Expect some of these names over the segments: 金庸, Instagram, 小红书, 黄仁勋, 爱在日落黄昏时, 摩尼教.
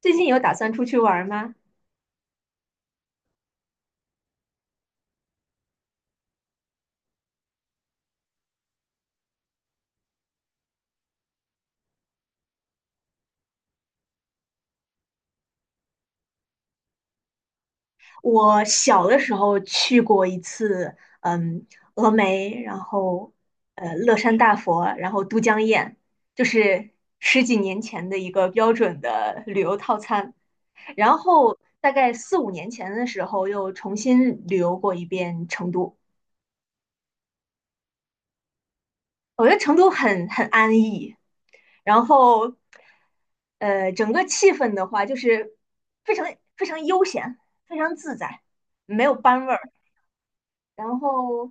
最近有打算出去玩吗？我小的时候去过一次，峨眉，然后乐山大佛，然后都江堰，就是十几年前的一个标准的旅游套餐。然后大概四五年前的时候，又重新旅游过一遍成都。我觉得成都很安逸，然后整个气氛的话，就是非常非常悠闲，非常自在，没有班味儿。然后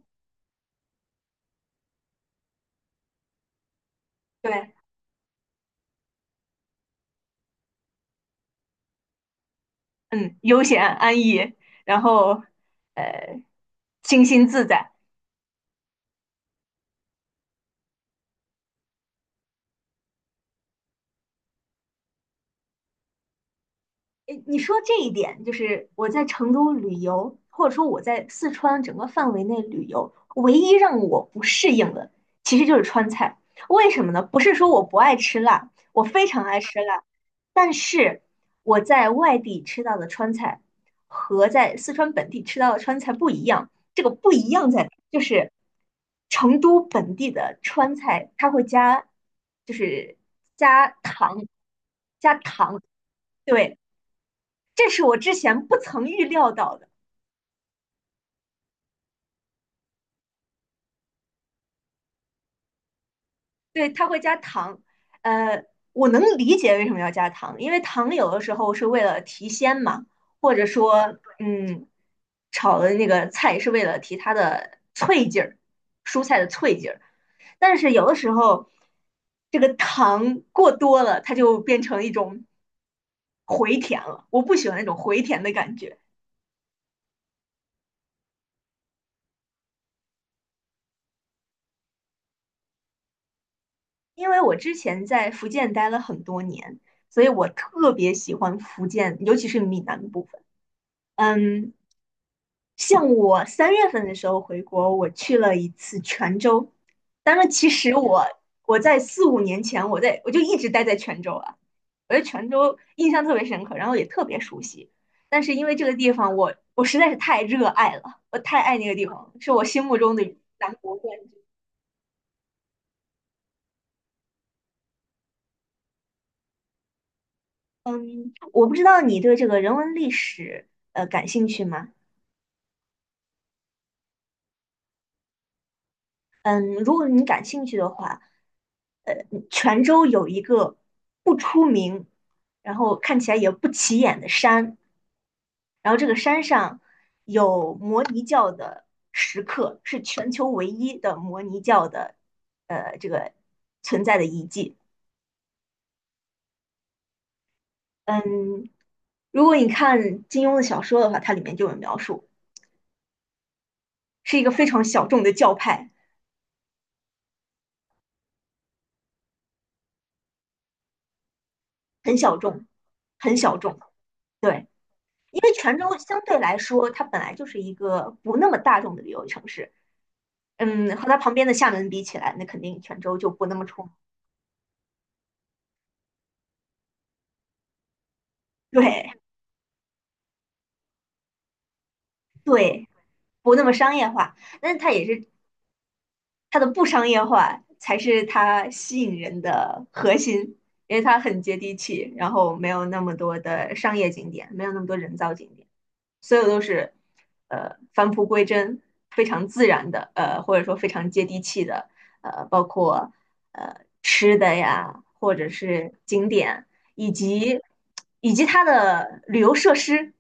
对，嗯，悠闲安逸，然后呃，清新自在。诶，你说这一点，就是我在成都旅游，或者说我在四川整个范围内旅游，唯一让我不适应的，其实就是川菜。为什么呢？不是说我不爱吃辣，我非常爱吃辣，但是我在外地吃到的川菜和在四川本地吃到的川菜不一样。这个不一样在哪就是成都本地的川菜，它会加，就是加糖，加糖。对，这是我之前不曾预料到的。对，它会加糖，呃，我能理解为什么要加糖，因为糖有的时候是为了提鲜嘛，或者说，炒的那个菜是为了提它的脆劲儿，蔬菜的脆劲儿。但是有的时候，这个糖过多了，它就变成一种回甜了。我不喜欢那种回甜的感觉。因为我之前在福建待了很多年，所以我特别喜欢福建，尤其是闽南部分。嗯，像我3月份的时候回国，我去了一次泉州。当然，其实我在四五年前，我就一直待在泉州了。我对泉州印象特别深刻，然后也特别熟悉。但是因为这个地方我实在是太热爱了，我太爱那个地方了，是我心目中的南国。嗯，我不知道你对这个人文历史感兴趣吗？嗯，如果你感兴趣的话，呃，泉州有一个不出名，然后看起来也不起眼的山，然后这个山上有摩尼教的石刻，是全球唯一的摩尼教的这个存在的遗迹。嗯，如果你看金庸的小说的话，它里面就有描述，是一个非常小众的教派。很小众，很小众。对，因为泉州相对来说，它本来就是一个不那么大众的旅游城市。嗯，和它旁边的厦门比起来，那肯定泉州就不那么出，对对，不那么商业化。但是它也是它的不商业化才是它吸引人的核心，因为它很接地气，然后没有那么多的商业景点，没有那么多人造景点。所有都是返璞归真，非常自然的，或者说非常接地气的，包括吃的呀，或者是景点，以及以及它的旅游设施，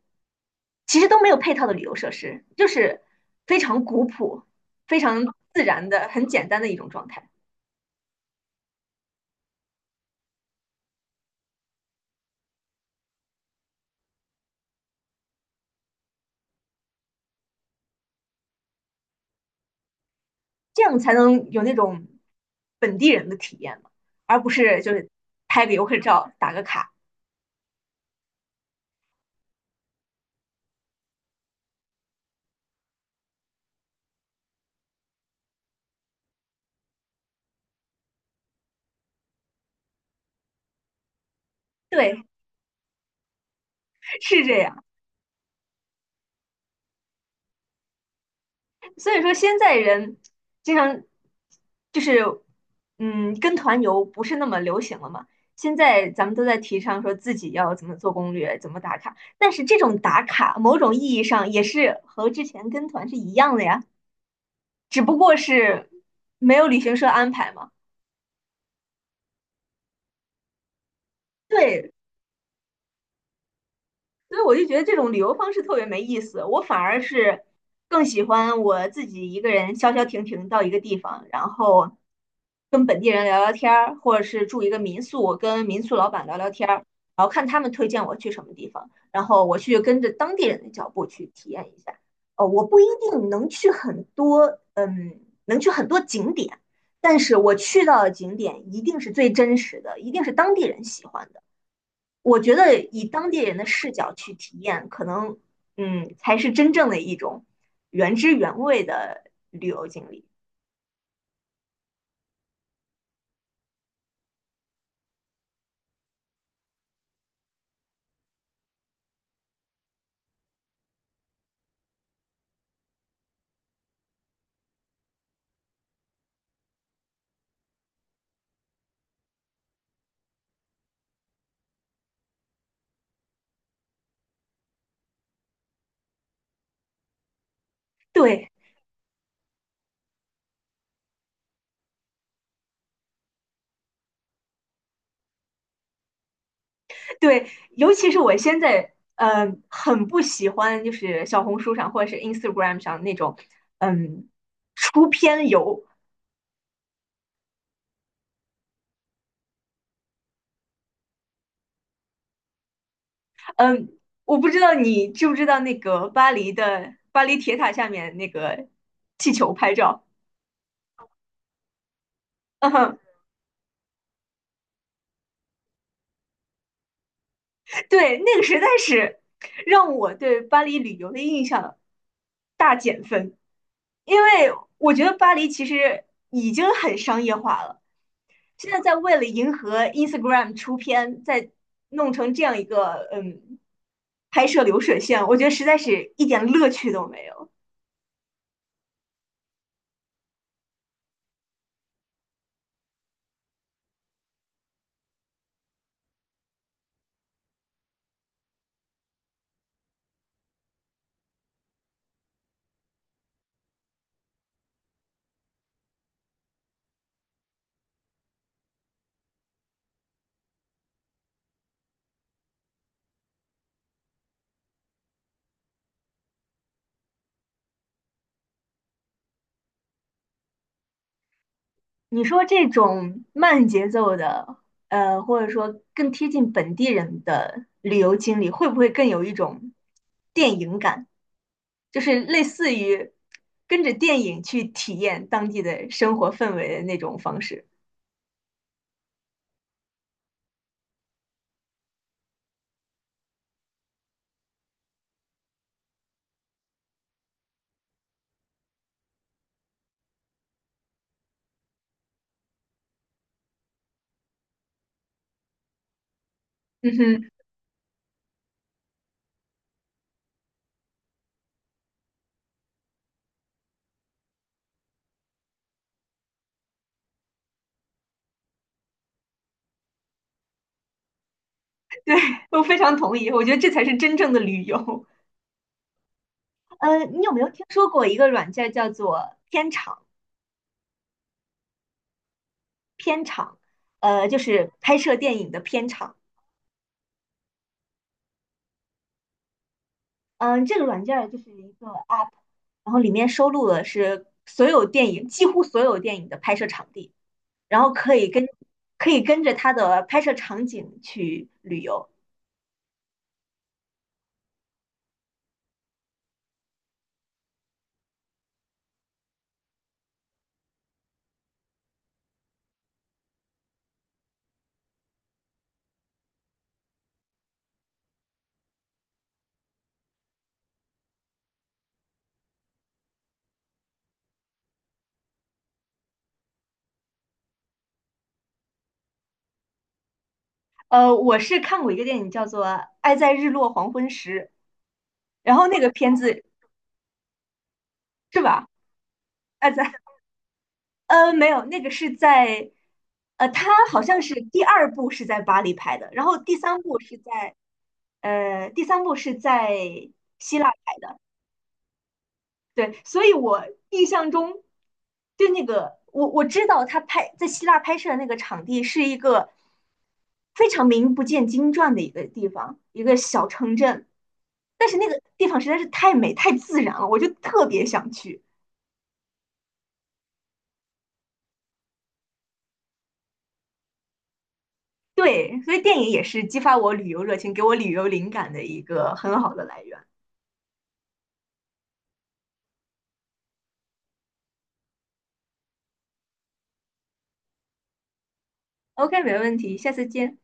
其实都没有配套的旅游设施，就是非常古朴、非常自然的、很简单的一种状态，这样才能有那种本地人的体验嘛，而不是就是拍个游客照打个卡，对，是这样。所以说现在人经常就是，跟团游不是那么流行了嘛。现在咱们都在提倡说自己要怎么做攻略，怎么打卡，但是这种打卡某种意义上也是和之前跟团是一样的呀，只不过是没有旅行社安排嘛。对，所以我就觉得这种旅游方式特别没意思，我反而是更喜欢我自己一个人消消停停到一个地方，然后跟本地人聊聊天儿，或者是住一个民宿，跟民宿老板聊聊天儿，然后看他们推荐我去什么地方，然后我去跟着当地人的脚步去体验一下。哦，我不一定能去很多，能去很多景点，但是我去到的景点一定是最真实的，一定是当地人喜欢的。我觉得以当地人的视角去体验，可能才是真正的一种原汁原味的旅游经历。对对，尤其是我现在很不喜欢，就是小红书上或者是 Instagram 上那种嗯出片游。嗯，我不知道你知不知道那个巴黎铁塔下面那个气球拍照。对，那个实在是让我对巴黎旅游的印象大减分，因为我觉得巴黎其实已经很商业化了，现在在为了迎合 Instagram 出片，在弄成这样一个拍摄流水线，我觉得实在是一点乐趣都没有。你说这种慢节奏的，或者说更贴近本地人的旅游经历，会不会更有一种电影感？就是类似于跟着电影去体验当地的生活氛围的那种方式。嗯哼，我非常同意，我觉得这才是真正的旅游。你有没有听说过一个软件儿叫做片场？就是拍摄电影的片场。嗯、这个软件儿就是一个 app，然后里面收录的是所有电影，几乎所有电影的拍摄场地，然后可以跟着它的拍摄场景去旅游。我是看过一个电影叫做《爱在日落黄昏时》，然后那个片子是吧？爱在没有，那个是在呃，它好像是第二部是在巴黎拍的，然后第三部是在希腊拍。对，所以我印象中就那个我知道他拍在希腊拍摄的那个场地是一个非常名不见经传的一个地方，一个小城镇。但是那个地方实在是太美、太自然了，我就特别想去。对，所以电影也是激发我旅游热情、给我旅游灵感的一个很好的来源。OK，没问题，下次见。